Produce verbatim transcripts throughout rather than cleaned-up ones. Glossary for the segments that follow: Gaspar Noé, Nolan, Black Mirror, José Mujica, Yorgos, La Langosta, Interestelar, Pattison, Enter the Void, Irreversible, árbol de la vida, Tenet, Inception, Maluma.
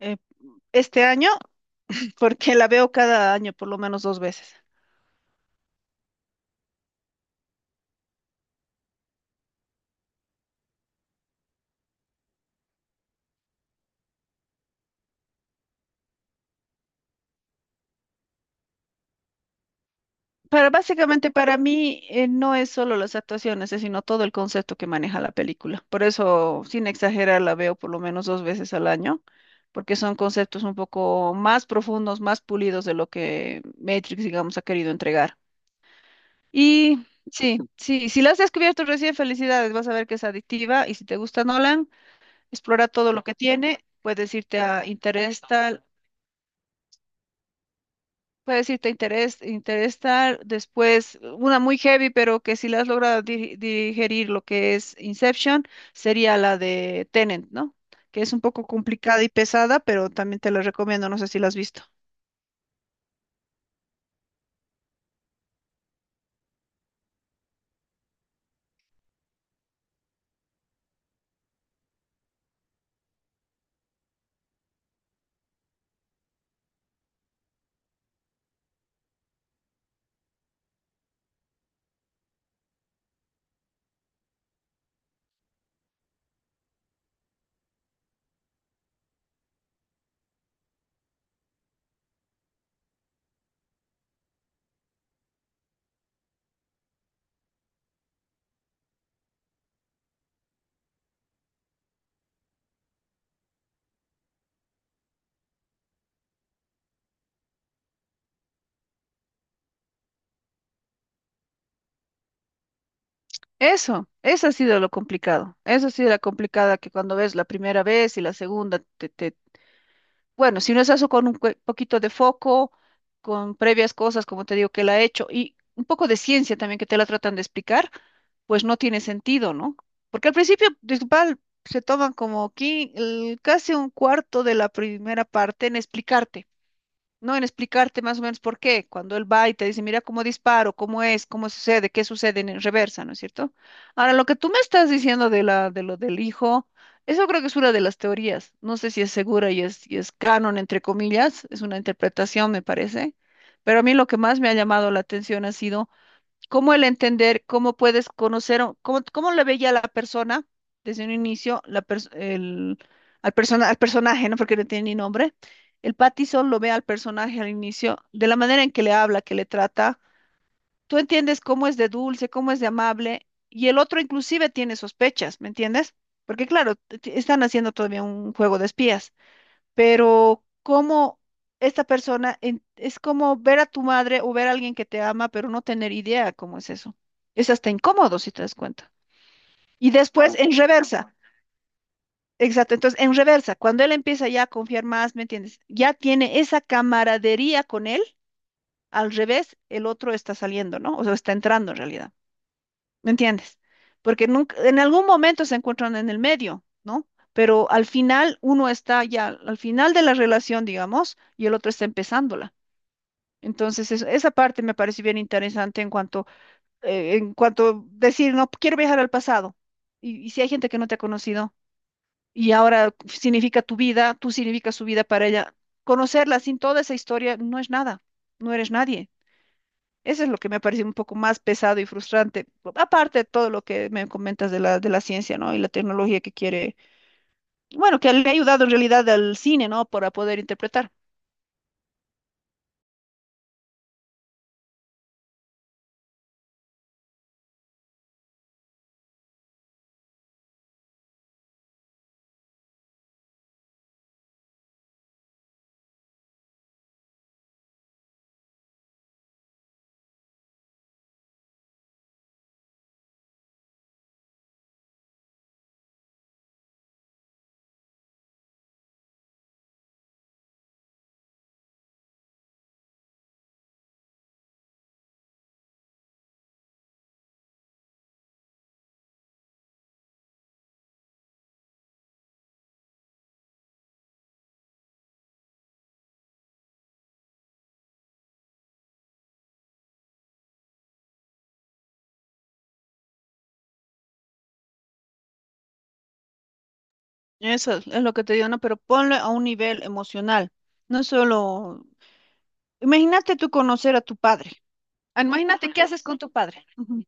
eh, este año porque la veo cada año por lo menos dos veces. Para básicamente para mí, eh, no es solo las actuaciones, es sino todo el concepto que maneja la película. Por eso, sin exagerar, la veo por lo menos dos veces al año, porque son conceptos un poco más profundos, más pulidos de lo que Matrix, digamos, ha querido entregar. Y sí, sí, si la has descubierto recién, felicidades, vas a ver que es adictiva y si te gusta Nolan, explora todo lo que tiene. Puedes irte a Interestelar. Puede decir, te interés, interesar después una muy heavy, pero que si la has logrado di- digerir lo que es Inception, sería la de Tenet, ¿no? Que es un poco complicada y pesada, pero también te la recomiendo, no sé si la has visto. Eso, eso ha sido lo complicado. Eso ha sido la complicada que cuando ves la primera vez y la segunda, te, te... Bueno, si no es eso con un cue- poquito de foco, con previas cosas, como te digo, que la he hecho, y un poco de ciencia también que te la tratan de explicar pues no tiene sentido, ¿no? Porque al principio, disculpa, se toman como qui- el- casi un cuarto de la primera parte en explicarte, ¿no? En explicarte más o menos por qué. Cuando él va y te dice, mira cómo disparo, cómo es, cómo sucede, qué sucede en reversa, ¿no es cierto? Ahora, lo que tú me estás diciendo de la, de lo del hijo, eso creo que es una de las teorías. No sé si es segura y es, y es canon, entre comillas, es una interpretación, me parece. Pero a mí lo que más me ha llamado la atención ha sido cómo el entender, cómo puedes conocer, o- cómo, cómo le veía a la persona desde un inicio, la pers- el, al, persona, al personaje, ¿no? Porque no tiene ni nombre. El Pattison lo ve al personaje al inicio, de la manera en que le habla, que le trata. Tú entiendes cómo es de dulce, cómo es de amable, y el otro inclusive tiene sospechas, ¿me entiendes? Porque claro, t- t- están haciendo todavía un juego de espías pero cómo esta persona en- es como ver a tu madre o ver a alguien que te ama, pero no tener idea cómo es eso. Es hasta incómodo si te das cuenta. Y después en reversa. Exacto, entonces en reversa, cuando él empieza ya a confiar más, ¿me entiendes? Ya tiene esa camaradería con él, al revés, el otro está saliendo, ¿no? O sea, está entrando en realidad, ¿me entiendes? Porque nunca, en algún momento se encuentran en el medio, ¿no? Pero al final uno está ya, al final de la relación, digamos, y el otro está empezándola. Entonces, eso- esa parte me parece bien interesante en cuanto, eh, en cuanto decir, no, quiero viajar al pasado. Y, y si hay gente que no te ha conocido y ahora significa tu vida, tú significas su vida para ella, conocerla sin toda esa historia no es nada, no eres nadie. Eso es lo que me parece un poco más pesado y frustrante, aparte de todo lo que me comentas de la, de la ciencia, ¿no? Y la tecnología que quiere, bueno, que le ha ayudado en realidad al cine, ¿no? Para poder interpretar. Eso es es lo que te digo, ¿no? Pero ponle a un nivel emocional, no solo. Imagínate tú conocer a tu padre. Ah, imagínate qué haces con tu padre. Ujú.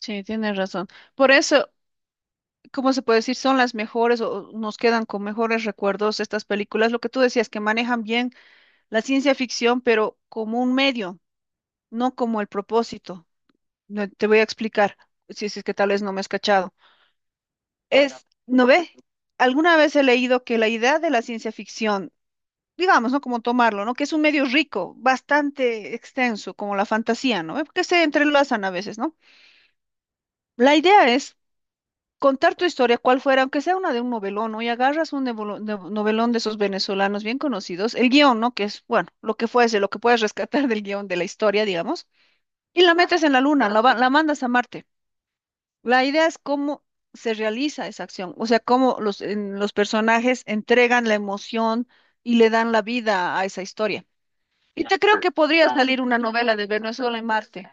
Sí, tienes razón. Por eso, ¿cómo se puede decir? Son las mejores o nos quedan con mejores recuerdos estas películas. Lo que tú decías, que manejan bien la ciencia ficción, pero como un medio, no como el propósito. No, te voy a explicar, si es que tal vez no me has cachado. Es, ¿no ve? Alguna vez he leído que la idea de la ciencia ficción digamos, ¿no? Como tomarlo, ¿no? Que es un medio rico, bastante extenso, como la fantasía, ¿no? Eh, Que se entrelazan a veces, ¿no? La idea es contar tu historia, cual fuera, aunque sea una de un novelón, ¿no? Y agarras un nevolo- nev- novelón de esos venezolanos bien conocidos, el guión, ¿no? Que es, bueno, lo que fuese, lo que puedes rescatar del guión de la historia, digamos, y la metes en la luna, la, va- la mandas a Marte. La idea es cómo se realiza esa acción, o sea, cómo los, en- los personajes entregan la emoción y le dan la vida a esa historia. Y te creo que podría salir una novela de Venezuela en Marte.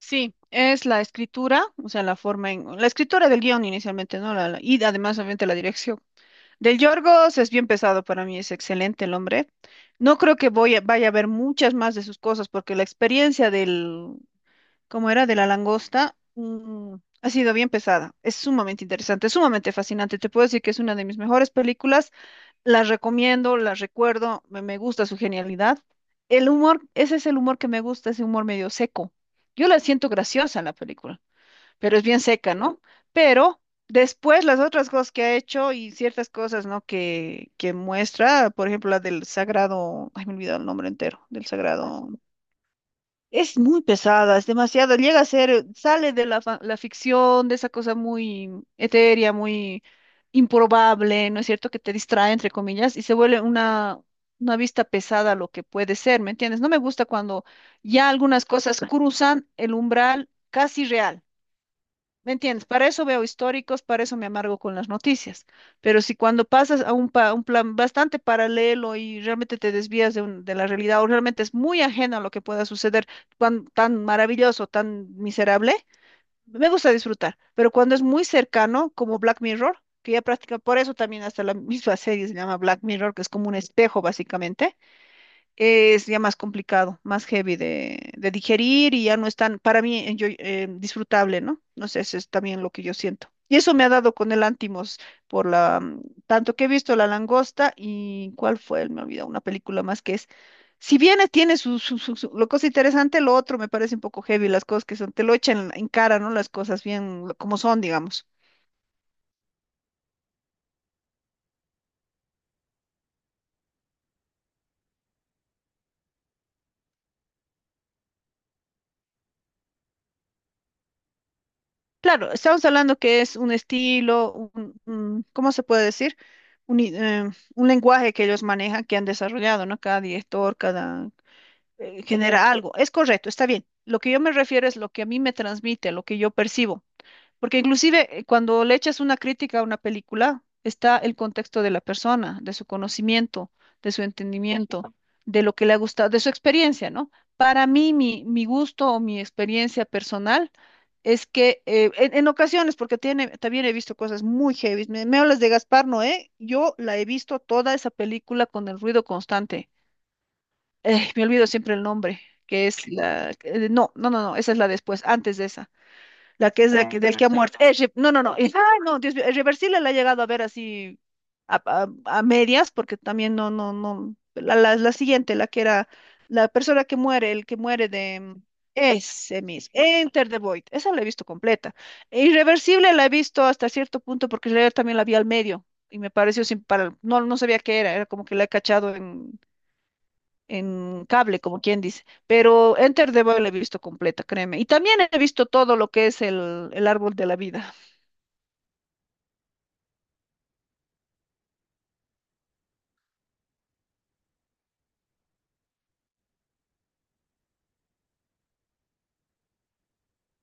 Sí, es la escritura, o sea, la forma en, la escritura del guión inicialmente, ¿no? La, la- y además, obviamente, la dirección. Del Yorgos es bien pesado para mí, es excelente el hombre. No creo que voy a- vaya a ver muchas más de sus cosas porque la experiencia del, ¿cómo era? De la langosta, mm, ha sido bien pesada. Es sumamente interesante, es sumamente fascinante. Te puedo decir que es una de mis mejores películas. Las recomiendo, las recuerdo, me, me gusta su genialidad. El humor, ese es el humor que me gusta, ese humor medio seco. Yo la siento graciosa en la película, pero es bien seca, ¿no? Pero después las otras cosas que ha hecho y ciertas cosas, ¿no? Que, que muestra, por ejemplo, la del sagrado, ay, me he olvidado el nombre entero, del sagrado. Es muy pesada, es demasiado, llega a ser, sale de la, fa- la ficción, de esa cosa muy etérea, muy improbable, ¿no es cierto? Que te distrae, entre comillas, y se vuelve una, una vista pesada a lo que puede ser, ¿me entiendes? No me gusta cuando ya algunas cosas cruzan el umbral casi real. ¿Me entiendes? Para eso veo históricos, para eso me amargo con las noticias. Pero si cuando pasas a un, pa- un plan bastante paralelo y realmente te desvías de, un- de la realidad o realmente es muy ajeno a lo que pueda suceder, tan, tan maravilloso, tan miserable, me gusta disfrutar. Pero cuando es muy cercano, como Black Mirror, que ya practica, por eso también hasta la misma serie se llama Black Mirror, que es como un espejo básicamente es ya más complicado, más heavy de, de digerir y ya no es tan, para mí, eh, yo, eh, disfrutable, ¿no? No sé, eso es también lo que yo siento. Y eso me ha dado con el Antimos, por la, mm, tanto que he visto La Langosta y ¿cuál fue? Me olvidó, una película más que es. Si bien eh, tiene su, su, su- su- lo cosa interesante, lo otro me parece un poco heavy, las cosas que son, te lo echan en cara, ¿no? Las cosas bien lo- como son, digamos. Claro, estamos hablando que es un estilo, un, un- ¿cómo se puede decir? Un, i- eh, un lenguaje que ellos manejan, que han desarrollado, ¿no? Cada director, cada eh, genera algo. Es correcto, está bien. Lo que yo me refiero es lo que a mí me transmite, lo que yo percibo. Porque inclusive eh, cuando le echas una crítica a una película, está el contexto de la persona, de su conocimiento, de su entendimiento, de lo que le ha gustado, de su experiencia, ¿no? Para mí, mi, mi gusto o mi experiencia personal es que eh, en, en ocasiones, porque tiene, también he visto cosas muy heavy. Me, me hablas de Gaspar Noé, yo la he visto toda esa película con el ruido constante. Eh, me olvido siempre el nombre, que es la. Eh, no, no, no, no, esa es la después, antes de esa la que es de que- ah, del que ha muerto. Es re- no, no, no. Es- ay, no, Dios mío, es reversible la he llegado a ver así a, a- a medias, porque también no, no, no. La, la, la siguiente, la que era la persona que muere, el que muere de. mm, Ese mismo, Enter the Void, esa la he visto completa. Irreversible la he visto hasta cierto punto porque en realidad también la vi al medio y me pareció sin para, no, no sabía qué era, era como que la he cachado en en cable, como quien dice. Pero Enter the Void la he visto completa, créeme. Y también he visto todo lo que es el, el árbol de la vida.